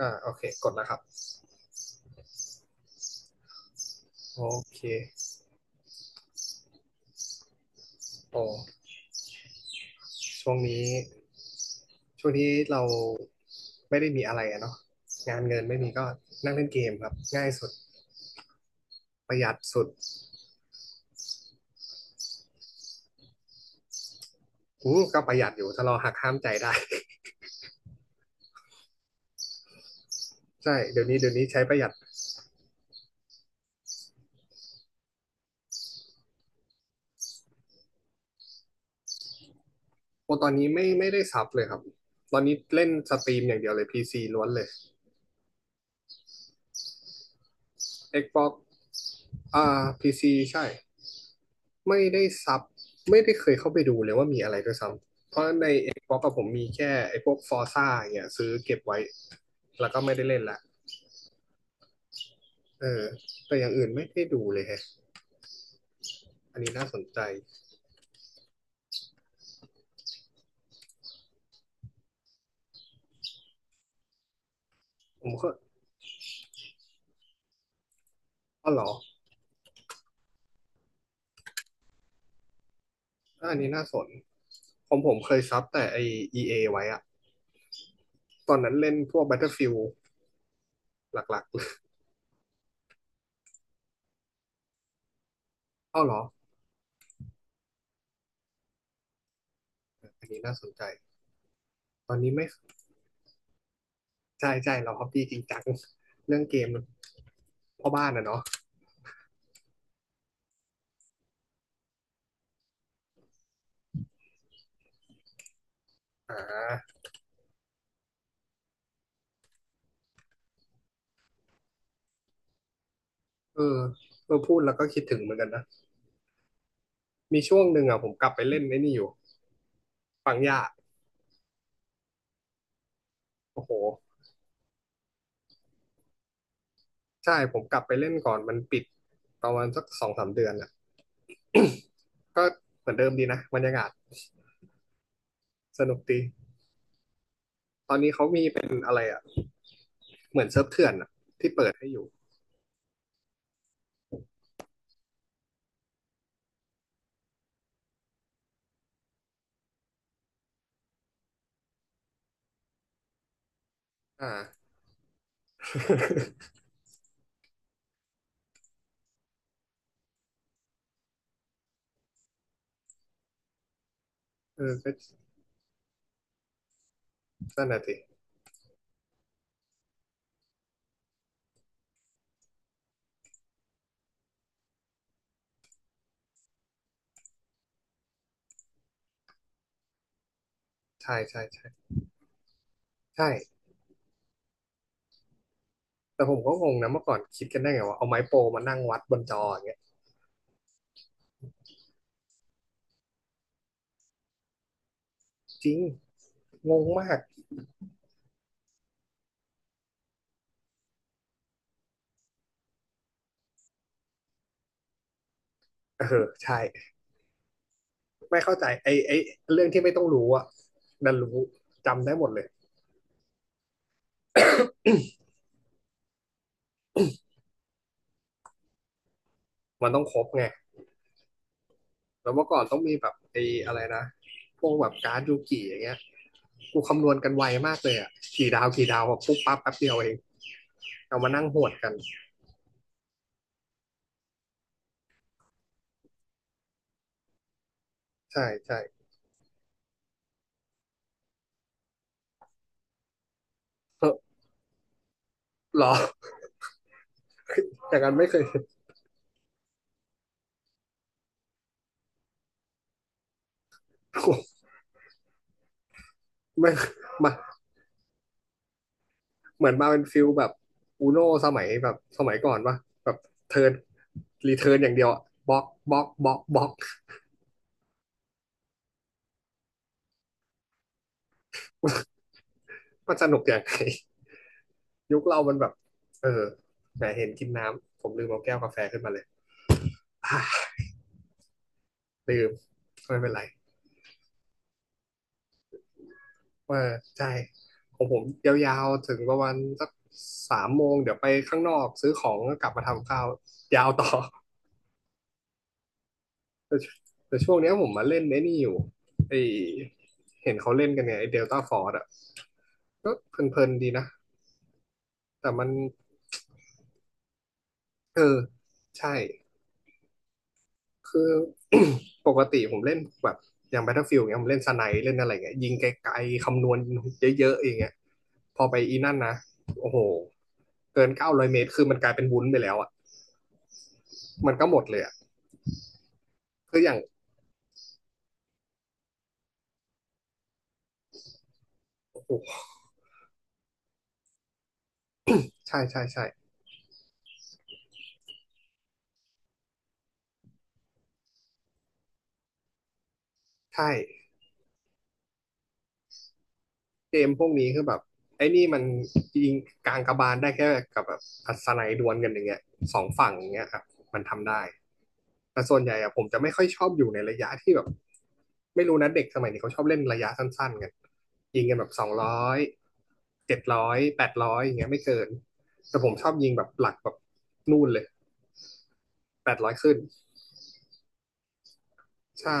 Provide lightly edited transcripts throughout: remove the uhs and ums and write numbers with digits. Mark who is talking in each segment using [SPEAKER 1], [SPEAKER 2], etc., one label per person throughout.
[SPEAKER 1] อ่าโอเคกดแล้วครับโอเคโอ้ช่วงนี้ช่วงนี้เราไม่ได้มีอะไรอะเนาะงานเงินไม่มีก็นั่งเล่นเกมครับง่ายสุดประหยัดสุดอู้ก็ประหยัดอยู่ถ้าเราหักห้ามใจได้ ใช่เดี๋ยวนี้เดี๋ยวนี้ใช้ประหยัดโอตอนนี้ไม่ได้ซับเลยครับตอนนี้เล่นสตรีมอย่างเดียวเลยพีซีล้วนเลย Xbox อ่าพีซีใช่ไม่ได้ซับไม่ได้เคยเข้าไปดูเลยว่ามีอะไรด้วยซ้ำเพราะใน Xbox กับผมมีแค่ไอ้พวก Forza อย่างเงี้ยซื้อเก็บไว้ แล้วก็ไม่ได้เล่นละเออแต่อย่างอื่นไม่ได้ดูเลยฮะอันนี้น่าสนใจผมก็อ๋อเหรอก็อันนี้น่าสนผมเคยซับแต่ไอ e อไว้อะตอนนั้นเล่นพวก Battlefield หลักๆเลยอ๋อเหรออันนี้น่าสนใจตอนนี้ไม่ใช่ใช่เราฮอบบี้จริงจังเรื่องเกมพ่อบ้านนะเนาะอ่าเออเออพูดแล้วก็คิดถึงเหมือนกันนะมีช่วงหนึ่งอ่ะผมกลับไปเล่นไอ้นี่อยู่ปังย่าโอ้โหใช่ผมกลับไปเล่นก่อนมันปิดประมาณสักสองสามเดือนอ่ะ ก็เหมือนเดิมดีนะบรรยากาศสนุกดีตอนนี้เขามีเป็นอะไรอ่ะเหมือนเซิร์ฟเถื่อนอ่ะที่เปิดให้อยู่อ่า เออก็นั่นน่ะสิใช่ใช่ใช่ใช่แต่ผมก็งงนะเมื่อก่อนคิดกันได้ไงว่าเอาไม้โปรมานั่งวัดบนจออย่างเงี้ยจริงงงมากเออใช่ไม่เข้าใจไอ้เรื่องที่ไม่ต้องรู้อะดันรู้จำได้หมดเลยมันต้องครบไงแล้วเมื่อก่อนต้องมีแบบไอ้อะไรนะพวกแบบการ์ดยูกิอย่างเงี้ย กูคำนวณกันไวมากเลยอ่ะกี่ดาวกี่ดาวอะปุ๊บปั๊บแป๊บเดียวเองเอามานั่งโหวดกันใช่ใช่เออหรอแต่กันไม่เคย กูไม่มา เหมือนมาเป็นฟิลแบบอูโนสมัยแบบสมัยก่อนปะแบบเทิร์นรีเทิร์นอย่างเดียวบล็อกบล็อกบล็อกบล็อกมันสนุกอย่างไรยุคเรามันแบบเออแหมเห็นกินน้ำผมลืมเอาแก้วกาแฟขึ้นมาเลย ลืมไม่เป็นไร เออใช่ของผมยาวๆถึงประมาณสักสามโมงเดี๋ยวไปข้างนอกซื้อของแล้วกลับมาทำข้าวยาวต่อ แต่แต่ช่วงเนี้ยผมมาเล่นไอ้นี่อยู่ไอเห็นเขาเล่นกันไงไอเดลต้าฟอร์ดอ่ะก็เพลินๆดีนะแต่มันเออใช่คือ ปกติผมเล่นแบบอย่าง Battlefield เงี้ยผมเล่นสไนป์เล่นอะไรเงี้ยยิงไกลๆคำนวณเยอะๆอย่างเงี้ยพอไปอีนั่นนะโอ้โหเกิน900 เมตรคือมันกลายเป็นวุ้นไปแล้วอะ มันก็หมดเลยอะคืออย่างโอ้โหใช่ใช่ใช่ใช่เกมพวกนี้คือแบบไอ้นี่มันยิงกลางกระบาลได้แค่กับแบบอัศนัยดวลกันอย่างเงี้ยสองฝั่งอย่างเงี้ยครับมันทำได้แต่ส่วนใหญ่อะผมจะไม่ค่อยชอบอยู่ในระยะที่แบบไม่รู้นะเด็กสมัยนี้เขาชอบเล่นระยะสั้นๆกันยิงกันแบบ200700แปดร้อยอย่างเงี้ยไม่เกินแต่ผมชอบยิงแบบหลักแบบนู่นเลยแปดร้อยขึ้น ใช่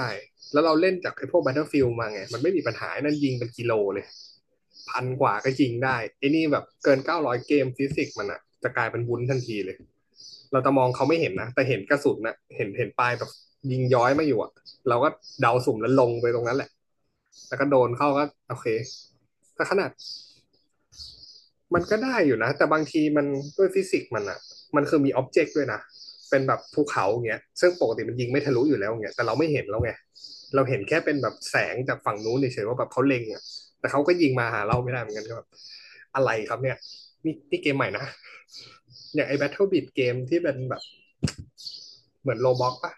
[SPEAKER 1] แล้วเราเล่นจากไอ้พวก Battlefield มาไง มันไม่มีปัญหาไอ้นั่นยิงเป็นกิโลเลย พันกว่าก็ยิงได้ไอ้นี่แบบเกินเก้าร้อยเกมฟิสิกส์มันอะจะกลายเป็นวุ้นทันทีเลย เราจะมองเขาไม่เห็นนะ แต่เห็นกระสุนนะ เห็นปลายแบบยิงย้อยมาอยู่อะเราก็เดาสุ่มแล้วลงไปตรงนั้นแหละ แล้วก็โดนเข้าก็โอเคแต่ขนาด มันก็ได้อยู่นะแต่บางทีมันด้วยฟิสิกส์มันอะมันคือมีอ็อบเจกต์ด้วยนะเป็นแบบภูเขาอย่างเงี้ยซึ่งปกติมันยิงไม่ทะลุอยู่แล้วอย่างเงี้ยแต่เราไม่เห็นแล้วไงเราเห็นแค่เป็นแบบแสงจากฝั่งนู้นเฉยๆว่าแบบเขาเล็งอะแต่เขาก็ยิงมาหาเราไม่ได้เหมือนกันก็แบบอะไรครับเนี่ยนี่นี่เกมใหม่นะอย่างไอ้ Battle Beat เกมที่เป็นแบบเหมือนโลบ็อกปะ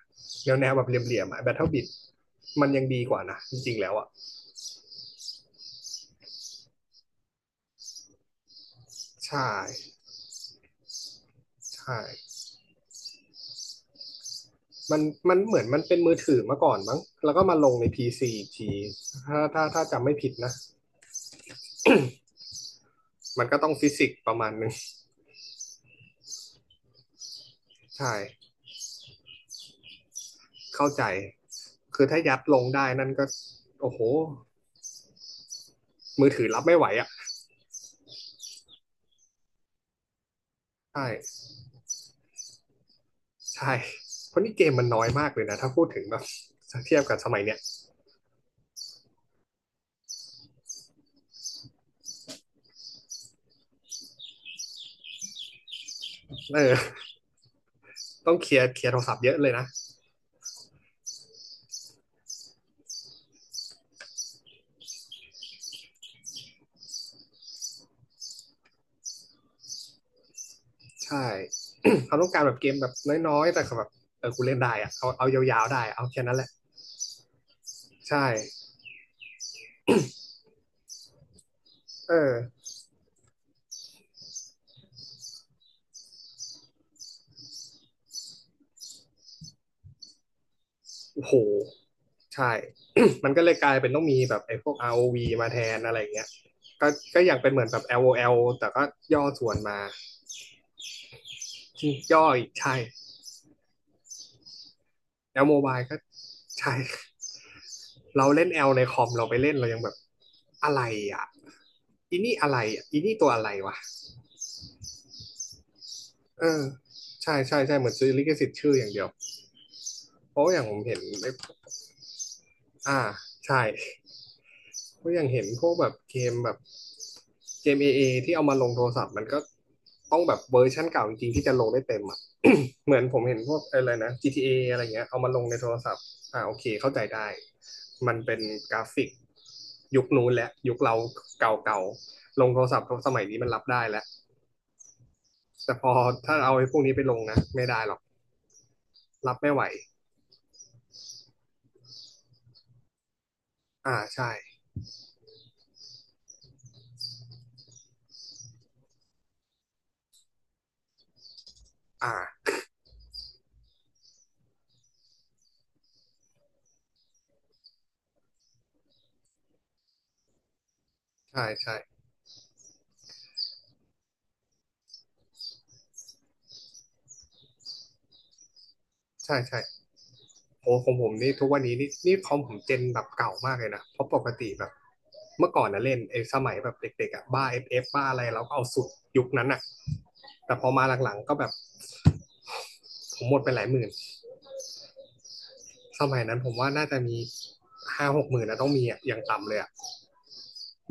[SPEAKER 1] แนวแๆแบบเหลี่ยมๆอะ Battle Beat มันยังดีกว่านะจริงๆแล้วอะใช่ใช่ มันมันเหมือนมันเป็นมือถือมาก่อนมั้งแล้วก็มาลงใน PC อีกทีถ้าจำไม่ผิดนะมันก็ต้องฟิสิกส์ประมาณนึงใช่เข้าใจคือถ้ายัดลงได้นั่นก็โอ้โหมือถือรับไม่ไหวอ่ะใช่ใช่เพราะนี่เกมมันน้อยมากเลยนะถ้าพูดถึงแบบเทียบกับสมัยเนี้ยเออต้องเคลียร์โทรศัพท์เยอะเลยนะใช่เขาต้องการแบบเกมแบบน้อยๆแต่แบบเออกูเล่นได้อะเอายาวๆได้เอาแค่นั้นแหละใช่เออ โอ้โหใช่ มันก็เลยกลายเป็นต้องมีแบบไอ้พวก ROV มาแทนอะไรอย่างเงี้ยก็ก็อย่างเป็นเหมือนแบบ LOL แอลแต่ก็ย่อส่วนมาย่ออีกใช่แ L Mobile ก็ใช่เราเล่น L ในคอมเราไปเล่นเรายังแบบอะไรอ่ะอีนี่อะไรอ่ะอีนี่ตัวอะไรวะเออใช่ใช่ใช่เหมือนซื้อลิขสิทธิ์ชื่ออย่างเดียวเพราะว่าอย่างผมเห็นอ่าใช่ เพราะอย่างเห็นพวกแบบเกมแบบเกมเอเอที่เอามาลงโทรศัพท์มันก็ต้องแบบเวอร์ชันเก่าจริงๆที่จะลงได้เต็มอ่ะ เหมือนผมเห็นพวกอะไรนะ GTA ออะไรเงี้ยเอามาลงในโทรศัพท์อ่าโอเคเข้าใจได้มันเป็นกราฟิกยุคนู้นแหละยุคเราเก่าๆลงโทรศัพท์สมัยนี้มันรับได้แล้วแต่พอถ้าเอาไอ้พวกนี้ไปลงนะไม่ได้หรอกรับไม่ไหวอ่าใช่อ่าใช่ใช่ใช่ใช่ โอ้ของผมนี่ทุกวันนี้นี่คอมผมเจนแบบเก่ามากเลยนะเพราะปกติแบบเมื่อก่อนนะเล่นไอ้สมัยแบบเด็กๆอ่ะบ้าเอฟเอฟบ้าอะไรเราก็เอาสุดยุคนั้นอ่ะแต่พอมาหลังๆก็แบบผมหมดไปหลายหมื่นสมัยนั้นผมว่าน่าจะมีห้าหกหมื่นนะต้องมีอ่ะอย่างต่ำเลยอ่ะ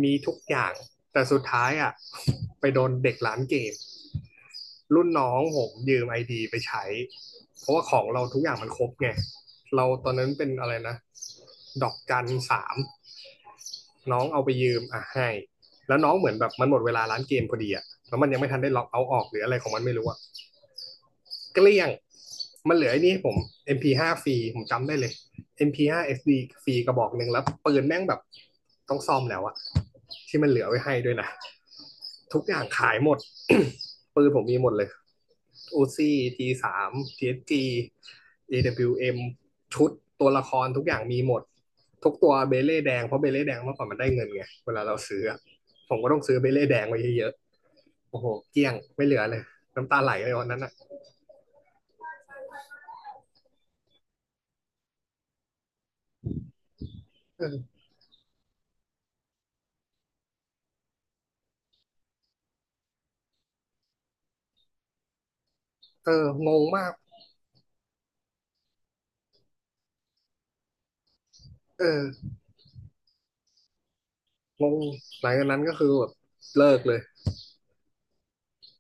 [SPEAKER 1] มีทุกอย่างแต่สุดท้ายอ่ะไปโดนเด็กร้านเกมรุ่นน้องผมยืมไอดีไปใช้เพราะว่าของเราทุกอย่างมันครบไงเราตอนนั้นเป็นอะไรนะดอกจันสาม น้องเอาไปยืมอ่ะให้ แล้วน้องเหมือนแบบมันหมดเวลาร้านเกมพอดีอะแล้วมันยังไม่ทันได้ล็อกเอาออกหรืออะไรของมันไม่รู้อะ เกลี้ยง มันเหลือไอ้นี่้ผม MP5 ฟว์ฟรีผมจำได้เลย MP5 SD ฟว์เอสดีฟรีกระบอกหนึ่งแล้วปืนแม่งแบบต้องซ่อมแล้วอะที่มันเหลือไว้ให้ด้วยนะทุกอย่างขายหมด ปืนผมมีหมดเลย UC T3 TSG AWM ชุดตัวละครทุกอย่างมีหมดทุกตัวเบเล่แดงเพราะเบเล่แดงเมื่อก่อนมันได้เงินไงเวลาเราซื้อผมก็ต้องซื้อเบเล่แดงไว้เยอะๆโอ้โหเกลี้ยงไม่เหลือเลยน้ำตาไหลเลยวันนั้นอะเออ เออ งงมากเอองง หลังจากนั้นก็คือแบบเลิกเลย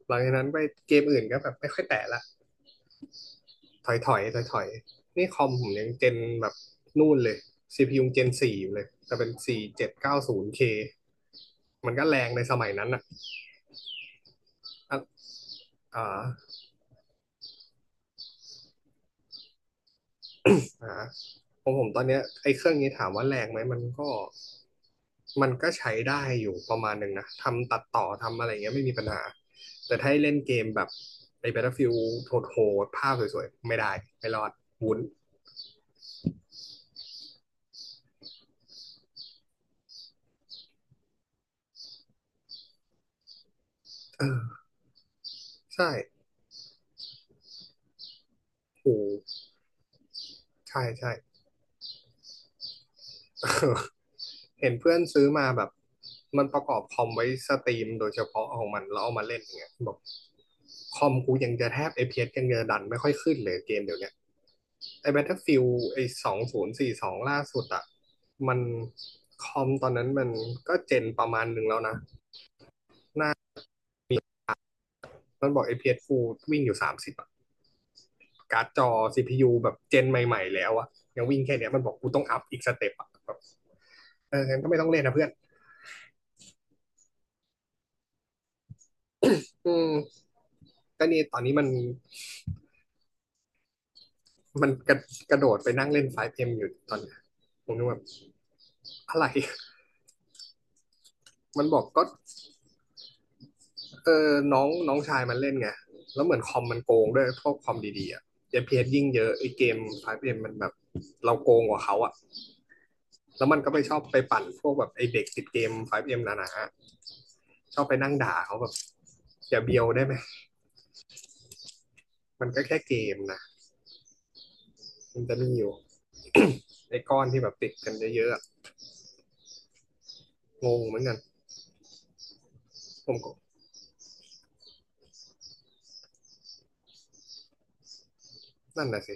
[SPEAKER 1] หลังจากนั้นไปเกมอื่นก็แบบไม่ค่อยแตะละถอยๆ นี่คอมผมยังเจนแบบนู่นเลยซีพียูเจนสี่อยู่เลยแต่เป็นสี่เจ็ดเก้าศูนย์เคมันก็แรงในสมัยนั้นอ่ะอ่าอ่าของผมตอนเนี้ยไอ้เครื่องนี้ถามว่าแรงไหมมันก็ มันก็ใช้ได้อยู่ประมาณหนึ่งนะ ทำตัดต่อทำอะไรเงี้ยไม่มีปัญหา แต่ถ้าให้เล่นเกมแบบไอ้ Battlefield โหดๆภาพสวยๆไม่ได้ไม่รอดวุ้นเออใช่โอ้ใช่ใช่ เห็นเพื่อนซื้อมาแบบมันประกอบคอมไว้สตรีมโดยเฉพาะของมันแล้วเอามาเล่นอย่างเงี้ยบอกคอมกูยังจะแทบเ p s ยังจะดันไม่ค่อยขึ้นเลยเกมเดี๋ยวนี้ไอ้ Battlefield ไอ้สองศูนย์สี่สบสองล่าสุดอะมันคอมตอนนั้นมันก็เจนประมาณหนึ่งแล้วนะ มันบอก FPS Full วิ่งอยู่สามสิบอะการ์ดจอ CPU แบบเจนใหม่ๆแล้วอะยังวิ่งแค่เนี้ยมันบอกกูต้องอัพอีกสเต็ปอะแบบเอองั้นก็ไม่ต้องเล่นนะเพื่อนอืมก็นี่ตอนนี้มันมันกระโดดไปนั่งเล่นไฟว์เอ็มอยู่ตอนนี้ผมนึกว่าอะไรมันบอกก็เออน้องน้องชายมันเล่นไงแล้วเหมือนคอมมันโกงด้วยพวกคอมดีๆอะเ p s ยิ่งเยอะไอเกมไฟว์เอ็มมันแบบเราโกงกว่าเขาอะแล้วมันก็ไปชอบไปปั่นพวกแบบไอเด็กติดเกมไฟว์เอ็มนานะชอบไปนั่งด่าเขาแบบ อย่าเบียวได้ไหม มันก็แค่เกมนะ มันจะมีอยู่ไอ้ก้อนที่แบบติดกันเยอะๆอะ งงเหมือนกัน ผมก็นั่นน่ะสิ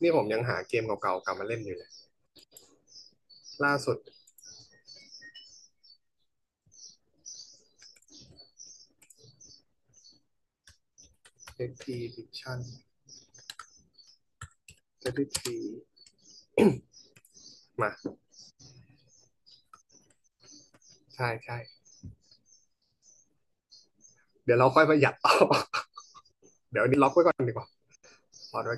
[SPEAKER 1] นี่ผมยังหาเกมเก่าๆกลับมาเล่นอยู่เลยล่าสุด Expedition ทีมาใช่ใช่เดี๋ยวเราค่อยประหยัดต่อ เดี๋ยวนี้ล็อกไว้ก่อนดีกว่าพอดไว้ก่อน